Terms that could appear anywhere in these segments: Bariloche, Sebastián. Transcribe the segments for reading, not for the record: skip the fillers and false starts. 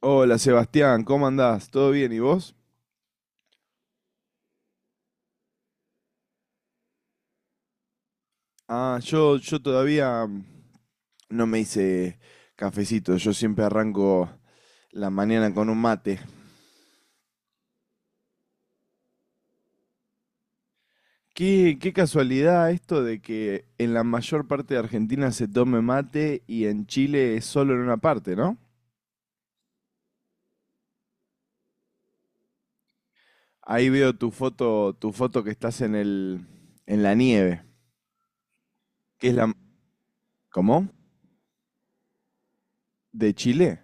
Hola Sebastián, ¿cómo andás? ¿Todo bien? ¿Y vos? Ah, yo todavía no me hice cafecito, yo siempre arranco la mañana con un mate. Qué casualidad esto de que en la mayor parte de Argentina se tome mate y en Chile es solo en una parte, ¿no? Ahí veo tu foto que estás en en la nieve, que es la... ¿Cómo? ¿De Chile?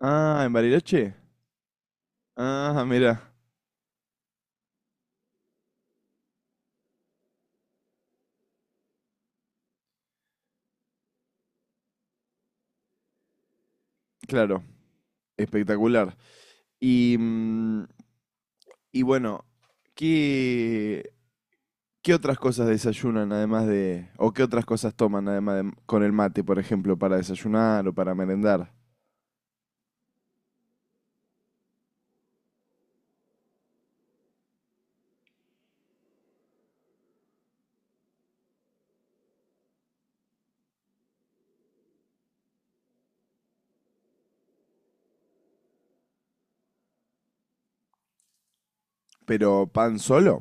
Ah, ¿en Bariloche? Ah, mira, claro, espectacular. Y mm, Y bueno, ¿qué, ¿qué otras cosas desayunan además de, o qué otras cosas toman además de, con el mate, por ejemplo, para desayunar o para merendar? Pero pan solo,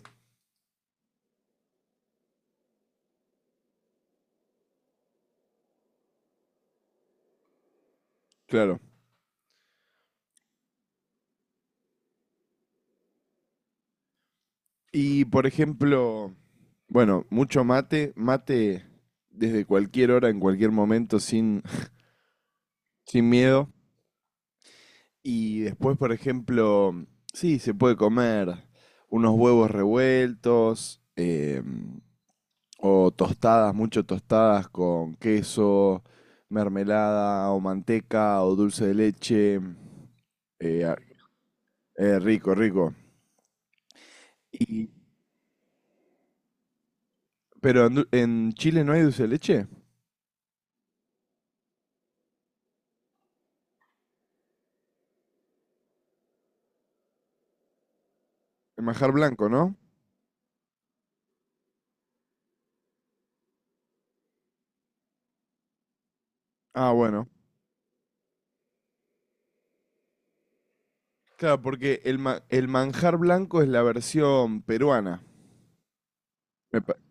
claro. Y por ejemplo, bueno, mucho mate desde cualquier hora, en cualquier momento, sin miedo. Y después, por ejemplo, sí, se puede comer unos huevos revueltos, o tostadas, mucho tostadas con queso, mermelada o manteca o dulce de leche. Eh, a- rico, rico. Y, pero en Chile no hay dulce de leche. El manjar blanco, ¿no? Ah, bueno. Claro, porque el manjar blanco es la versión peruana. Me pa-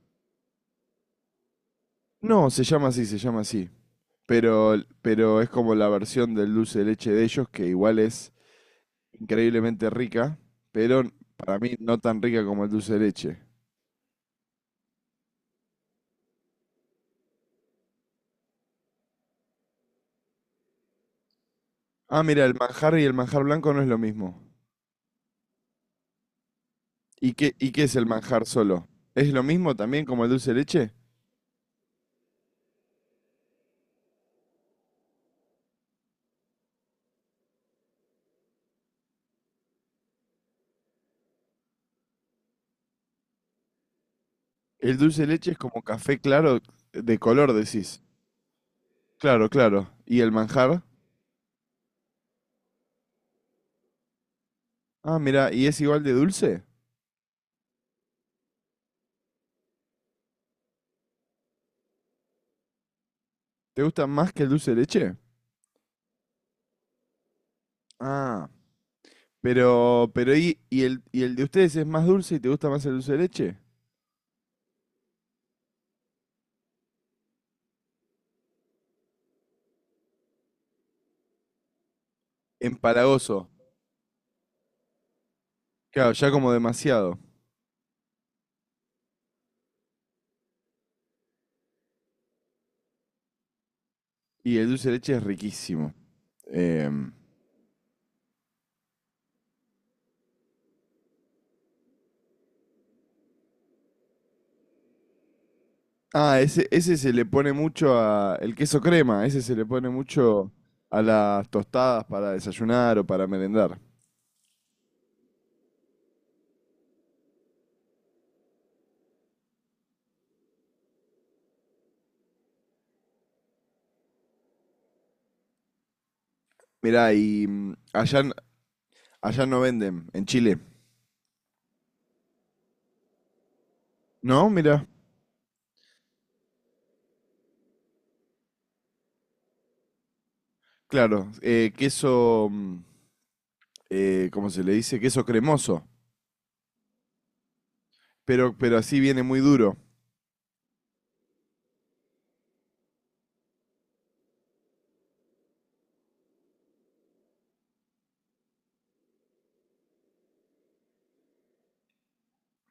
No, se llama así. Pero, pero es como la versión del dulce de leche de ellos, que igual es increíblemente rica, pero para mí no tan rica como el dulce de leche. Ah, mira, el manjar y el manjar blanco no es lo mismo. ¿Y qué es el manjar solo? ¿Es lo mismo también como el dulce de leche? El dulce de leche es como café claro de color, decís. Claro, claro. ¿Y el manjar? Ah, mira, ¿y es igual de dulce? ¿Te gusta más que el dulce de leche? Ah, pero ¿y el, y el de ustedes es más dulce y te gusta más el dulce de leche? Empalagoso. Claro, ya como demasiado. Y el dulce de leche es riquísimo. Em, ah, ese se le pone mucho a... El queso crema, ese se le pone mucho a las tostadas para desayunar o para merendar. Mirá, allá, allá no venden, en Chile. ¿No? Mirá. Claro, queso, ¿cómo se le dice? Queso cremoso, pero así viene muy duro.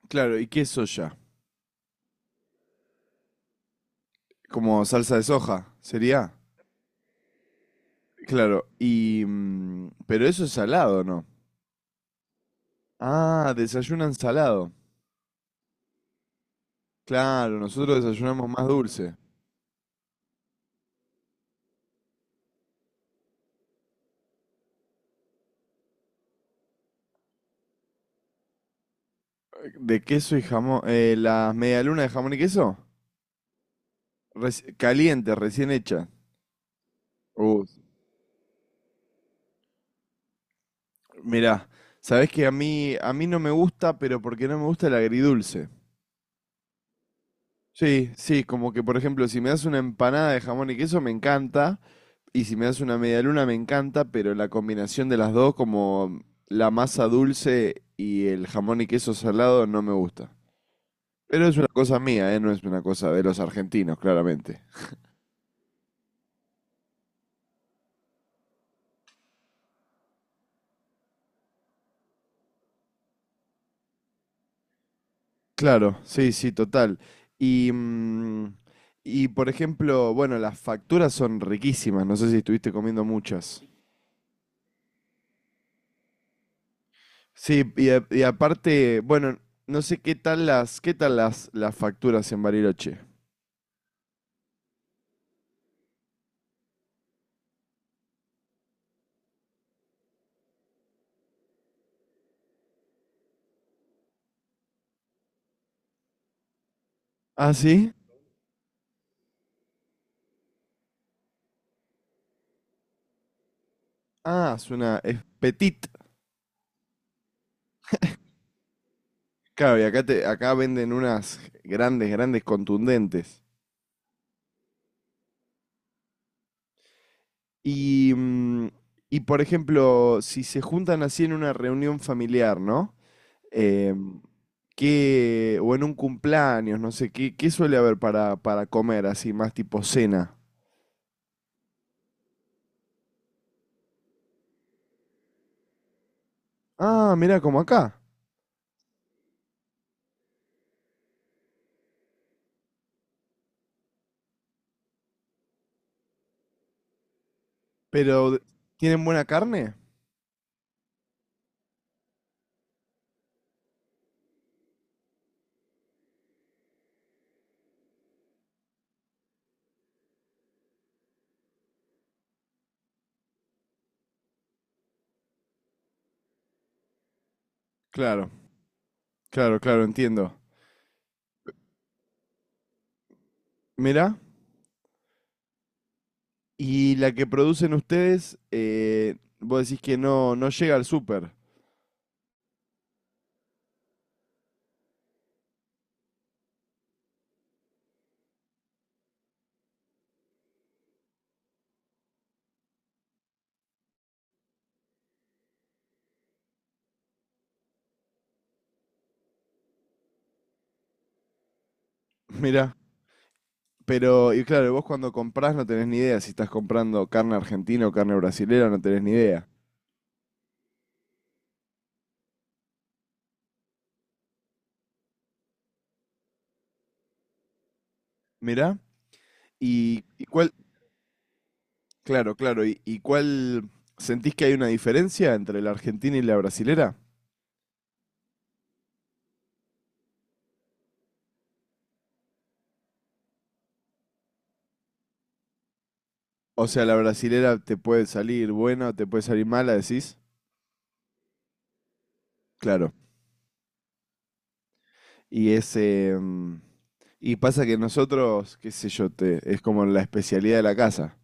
Claro, ¿y qué es soya? Como salsa de soja, sería. Claro, pero eso es salado, ¿no? Ah, desayunan salado. Claro, nosotros desayunamos más dulce. De queso y jamón. Las medialunas de jamón y queso. Caliente, recién hecha. Uh, mirá, sabés que a mí no me gusta, pero porque no me gusta el agridulce. Sí, sí, como que por ejemplo, si me das una empanada de jamón y queso, me encanta. Y si me das una medialuna, me encanta, pero la combinación de las dos, como la masa dulce y el jamón y queso salado, no me gusta. Pero es una cosa mía, ¿eh? No es una cosa de los argentinos, claramente. Claro, sí, sí, total. Y, mm, y por ejemplo, bueno, las facturas son riquísimas, no sé si estuviste comiendo muchas. Sí, y aparte, bueno, no sé las facturas en Bariloche. Ah, sí. Ah, es una es petit. Claro, y acá acá venden unas grandes, grandes contundentes. Y, mm, y por ejemplo, si se juntan así en una reunión familiar, ¿no? Em, ¿qué- o en un cumpleaños, no sé, ¿qué suele haber para comer así, más tipo cena? Ah, mira, como acá. Pero, ¿tienen buena carne? Claro, claro, claro, entiendo. Mira, y la que producen ustedes, vos decís que no llega al súper. Mira. Pero, y claro, vos cuando comprás no tenés ni idea si estás comprando carne argentina o carne brasilera, no tenés ni idea. Mirá. Y cuál? Claro, claro. Y cuál? ¿Sentís que hay una diferencia entre la argentina y la brasilera? O sea, la brasilera te puede salir buena o te puede salir mala, decís. Claro. Y ese. Y pasa que nosotros, qué sé yo, te, es como la especialidad de la casa.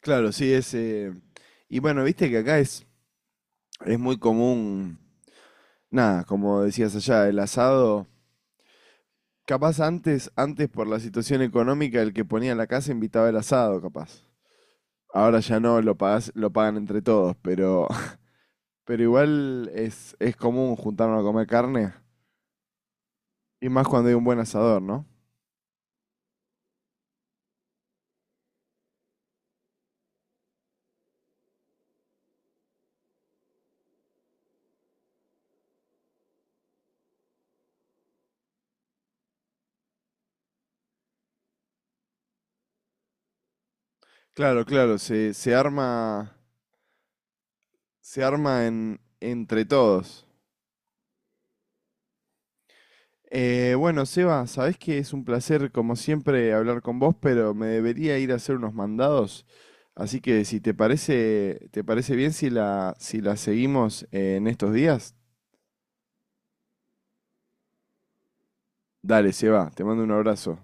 Claro, sí, ese. Y bueno, viste que acá es muy común nada, como decías allá, el asado. Capaz antes por la situación económica, el que ponía la casa invitaba el asado, capaz. Ahora ya no, lo pagan entre todos, pero, pero igual es común juntarnos a comer carne. Y más cuando hay un buen asador, ¿no? Claro, claro, se arma entre todos. Bueno, Seba, sabés que es un placer, como siempre, hablar con vos, pero me debería ir a hacer unos mandados. Así que si te parece, te parece bien si si la seguimos en estos días, dale, Seba, te mando un abrazo.